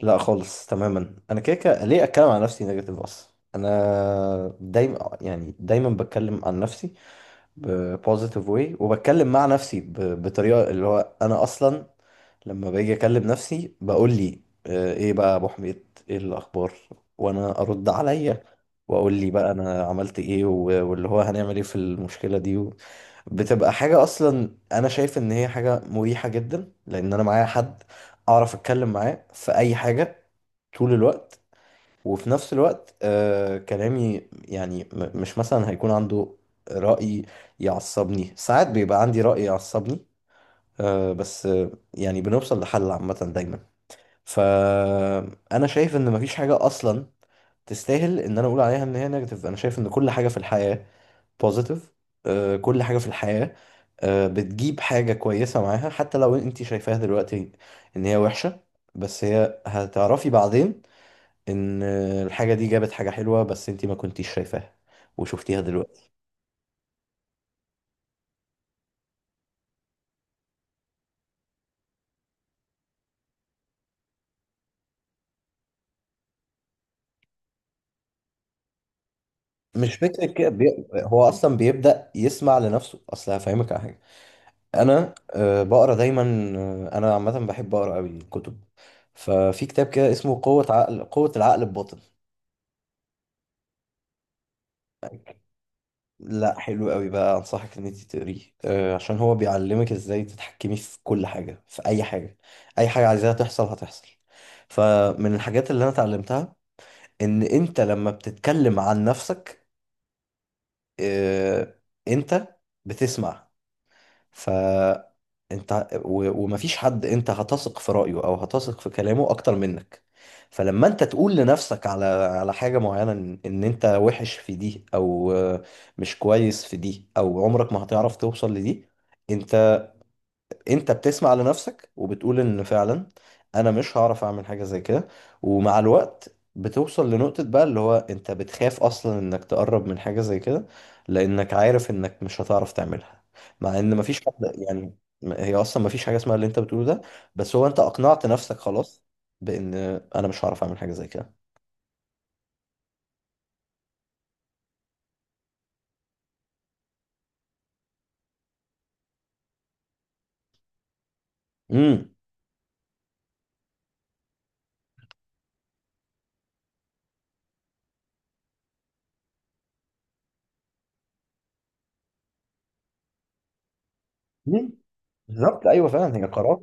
لا، خالص تماما. انا كده كده ليه اتكلم عن نفسي نيجاتيف اصلا. انا دايما يعني دايما بتكلم عن نفسي بوزيتيف واي، وبتكلم مع نفسي بطريقه اللي هو انا اصلا لما باجي اكلم نفسي. بقول لي ايه بقى يا ابو حميد، ايه الاخبار؟ وانا ارد عليا واقول لي بقى انا عملت ايه، واللي هو هنعمل ايه في المشكله دي، بتبقى حاجه. اصلا انا شايف ان هي حاجه مريحه جدا لان انا معايا حد اعرف اتكلم معاه في اي حاجه طول الوقت. وفي نفس الوقت كلامي يعني مش مثلا هيكون عنده رأي يعصبني. ساعات بيبقى عندي رأي يعصبني، بس يعني بنوصل لحل عامة دايما. فأنا شايف إن مفيش حاجة أصلا تستاهل إن أنا أقول عليها إن هي نيجاتيف. أنا شايف إن كل حاجة في الحياة بوزيتيف. كل حاجة في الحياة بتجيب حاجة كويسة معاها، حتى لو أنت شايفاها دلوقتي إن هي وحشة، بس هي هتعرفي بعدين ان الحاجه دي جابت حاجه حلوه بس انت ما كنتيش شايفاها وشفتيها دلوقتي. مش فكره كده هو اصلا بيبدا يسمع لنفسه. اصل هفهمك على حاجه، انا بقرا دايما. انا عامه بحب اقرا قوي كتب. ففي كتاب كده اسمه قوه العقل الباطن. لا حلو قوي بقى، انصحك ان انت تقريه. عشان هو بيعلمك ازاي تتحكمي في كل حاجه، في اي حاجه. اي حاجه عايزاها تحصل هتحصل. فمن الحاجات اللي انا اتعلمتها ان انت لما بتتكلم عن نفسك آه، انت بتسمع. ف انت ومفيش حد انت هتثق في رأيه او هتثق في كلامه اكتر منك. فلما انت تقول لنفسك على حاجة معينة ان انت وحش في دي او مش كويس في دي او عمرك ما هتعرف توصل لدي، انت بتسمع لنفسك وبتقول ان فعلا انا مش هعرف اعمل حاجة زي كده. ومع الوقت بتوصل لنقطة بقى اللي هو انت بتخاف اصلا انك تقرب من حاجة زي كده لانك عارف انك مش هتعرف تعملها، مع ان مفيش حد يعني. هي اصلا مفيش حاجة اسمها اللي انت بتقوله ده. بس هو انت اقنعت نفسك خلاص بان انا مش هعرف اعمل حاجة زي كده. امم. مم. بالظبط. ايوه، فعلا هي قرار.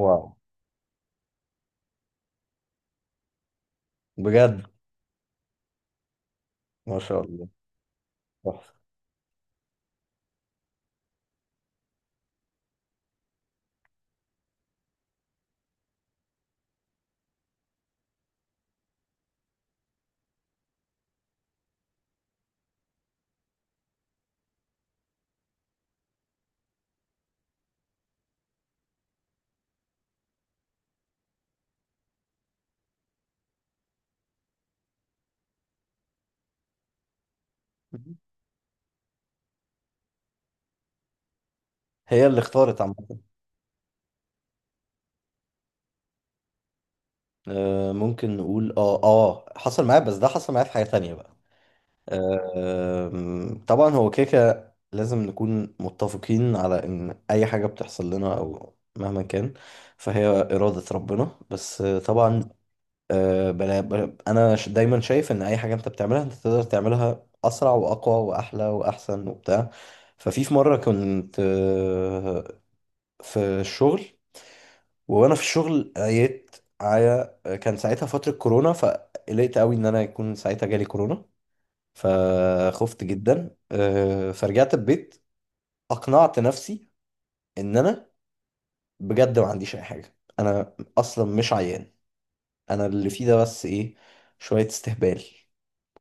واو. بجد. ما شاء الله. تحفة. هي اللي اختارت عامة. ممكن نقول اه اه، حصل معايا. بس ده حصل معايا في حاجة تانية بقى. طبعا، هو كيكة. لازم نكون متفقين على ان اي حاجة بتحصل لنا او مهما كان فهي إرادة ربنا. بس طبعا، بلا بلا، انا دايما شايف ان اي حاجة انت بتعملها انت تقدر تعملها اسرع واقوى واحلى واحسن وبتاع. في مرة كنت في الشغل، وانا في الشغل قريت على، كان ساعتها فترة كورونا فقلقت قوي ان انا يكون ساعتها جالي كورونا. فخفت جدا. فرجعت البيت. اقنعت نفسي ان انا بجد ما عنديش اي حاجة، انا اصلا مش عيان. انا اللي فيه ده بس ايه، شوية استهبال،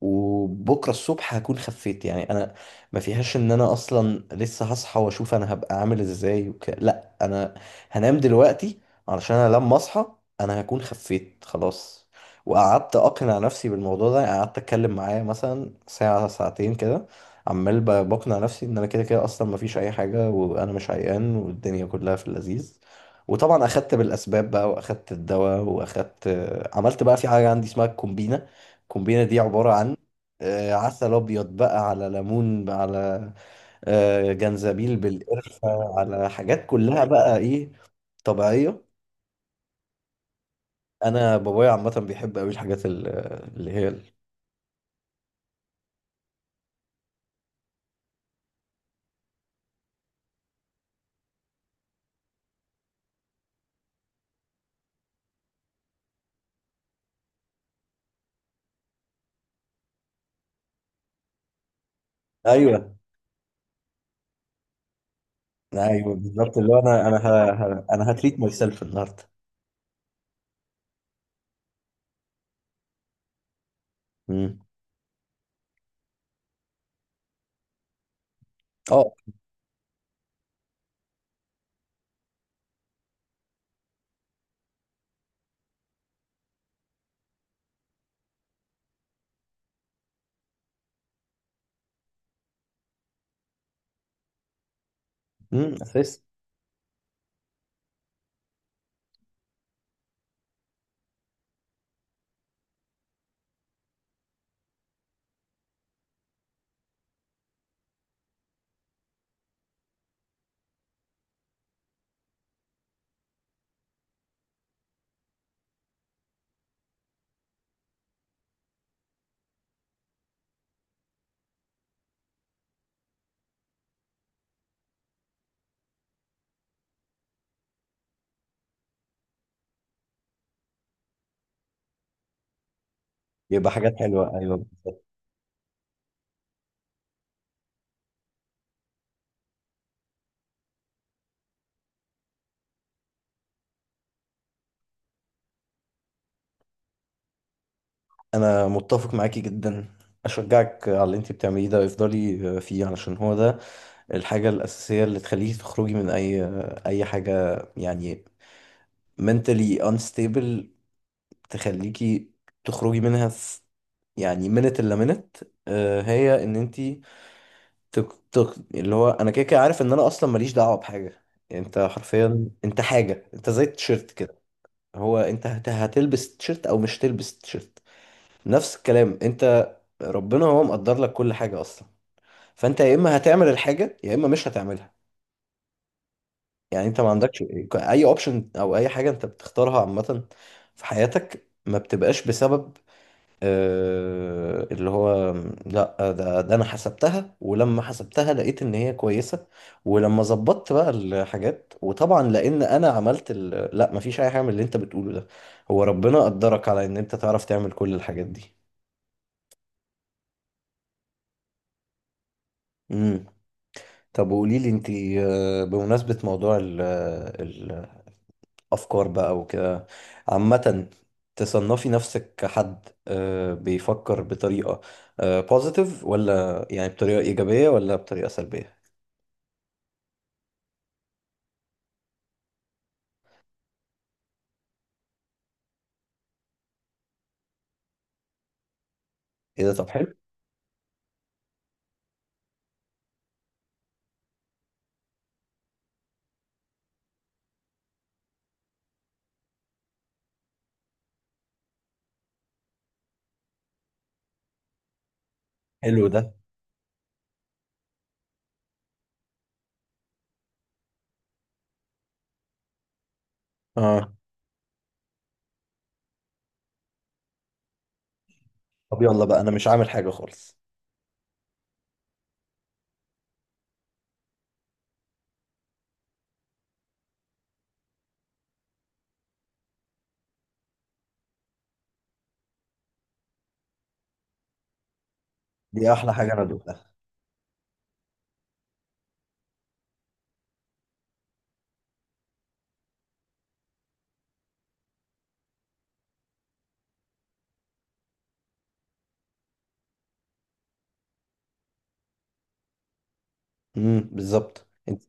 وبكره الصبح هكون خفيت. يعني انا ما فيهاش ان انا اصلا لسه هصحى واشوف انا هبقى عامل ازاي لا، انا هنام دلوقتي علشان انا لما اصحى انا هكون خفيت خلاص. وقعدت اقنع نفسي بالموضوع ده، يعني قعدت اتكلم معاه مثلا ساعه ساعتين كده عمال بقنع نفسي ان انا كده كده اصلا ما فيش اي حاجه وانا مش عيان والدنيا كلها في اللذيذ. وطبعا اخدت بالاسباب بقى واخدت الدواء واخدت، عملت بقى في حاجه عندي اسمها الكومبينه. الكومبينة دي عبارة عن عسل ابيض بقى على ليمون بقى على جنزبيل بالقرفه، على حاجات كلها بقى ايه، طبيعيه. انا بابايا عامه بيحب قوي الحاجات اللي هي ايوه، ايوه بالظبط. اللي هو انا انا هتريت ماي سيلف النهارده. مم. اه. امم، اساس. يبقى حاجات حلوه، ايوه بالظبط. انا متفق معاكي جدا. اشجعك على اللي انت بتعمليه ده، افضلي فيه علشان هو ده الحاجه الاساسيه اللي تخليكي تخرجي من اي اي حاجه، يعني mentally unstable. تخليكي تخرجي منها في يعني minute الا minute. هي ان انت تك تك، اللي هو انا كده كده عارف ان انا اصلا ماليش دعوه بحاجه. يعني انت حرفيا انت حاجه، انت زي التيشيرت كده. هو انت هتلبس تيشيرت او مش تلبس تيشيرت. نفس الكلام انت، ربنا هو مقدر لك كل حاجه اصلا. فانت يا اما هتعمل الحاجه يا اما مش هتعملها. يعني انت ما عندكش اي اوبشن، او اي حاجه انت بتختارها عامه في حياتك ما بتبقاش بسبب اللي هو لا، ده انا حسبتها ولما حسبتها لقيت ان هي كويسة، ولما ظبطت بقى الحاجات وطبعا لان انا عملت لا، مفيش اي حاجة من اللي انت بتقوله ده. هو ربنا قدرك على ان انت تعرف تعمل كل الحاجات دي. امم. طب وقولي لي انت، بمناسبة موضوع ال افكار بقى وكده عامة، تصنفي نفسك كحد بيفكر بطريقة بوزيتيف ولا يعني بطريقة ايجابية ولا بطريقة سلبية؟ ايه ده، طب حلو. حلو ده. اه. طب يلا بقى انا مش عامل حاجة خالص. دي احلى حاجة انا دوقتها. امم، بالظبط انت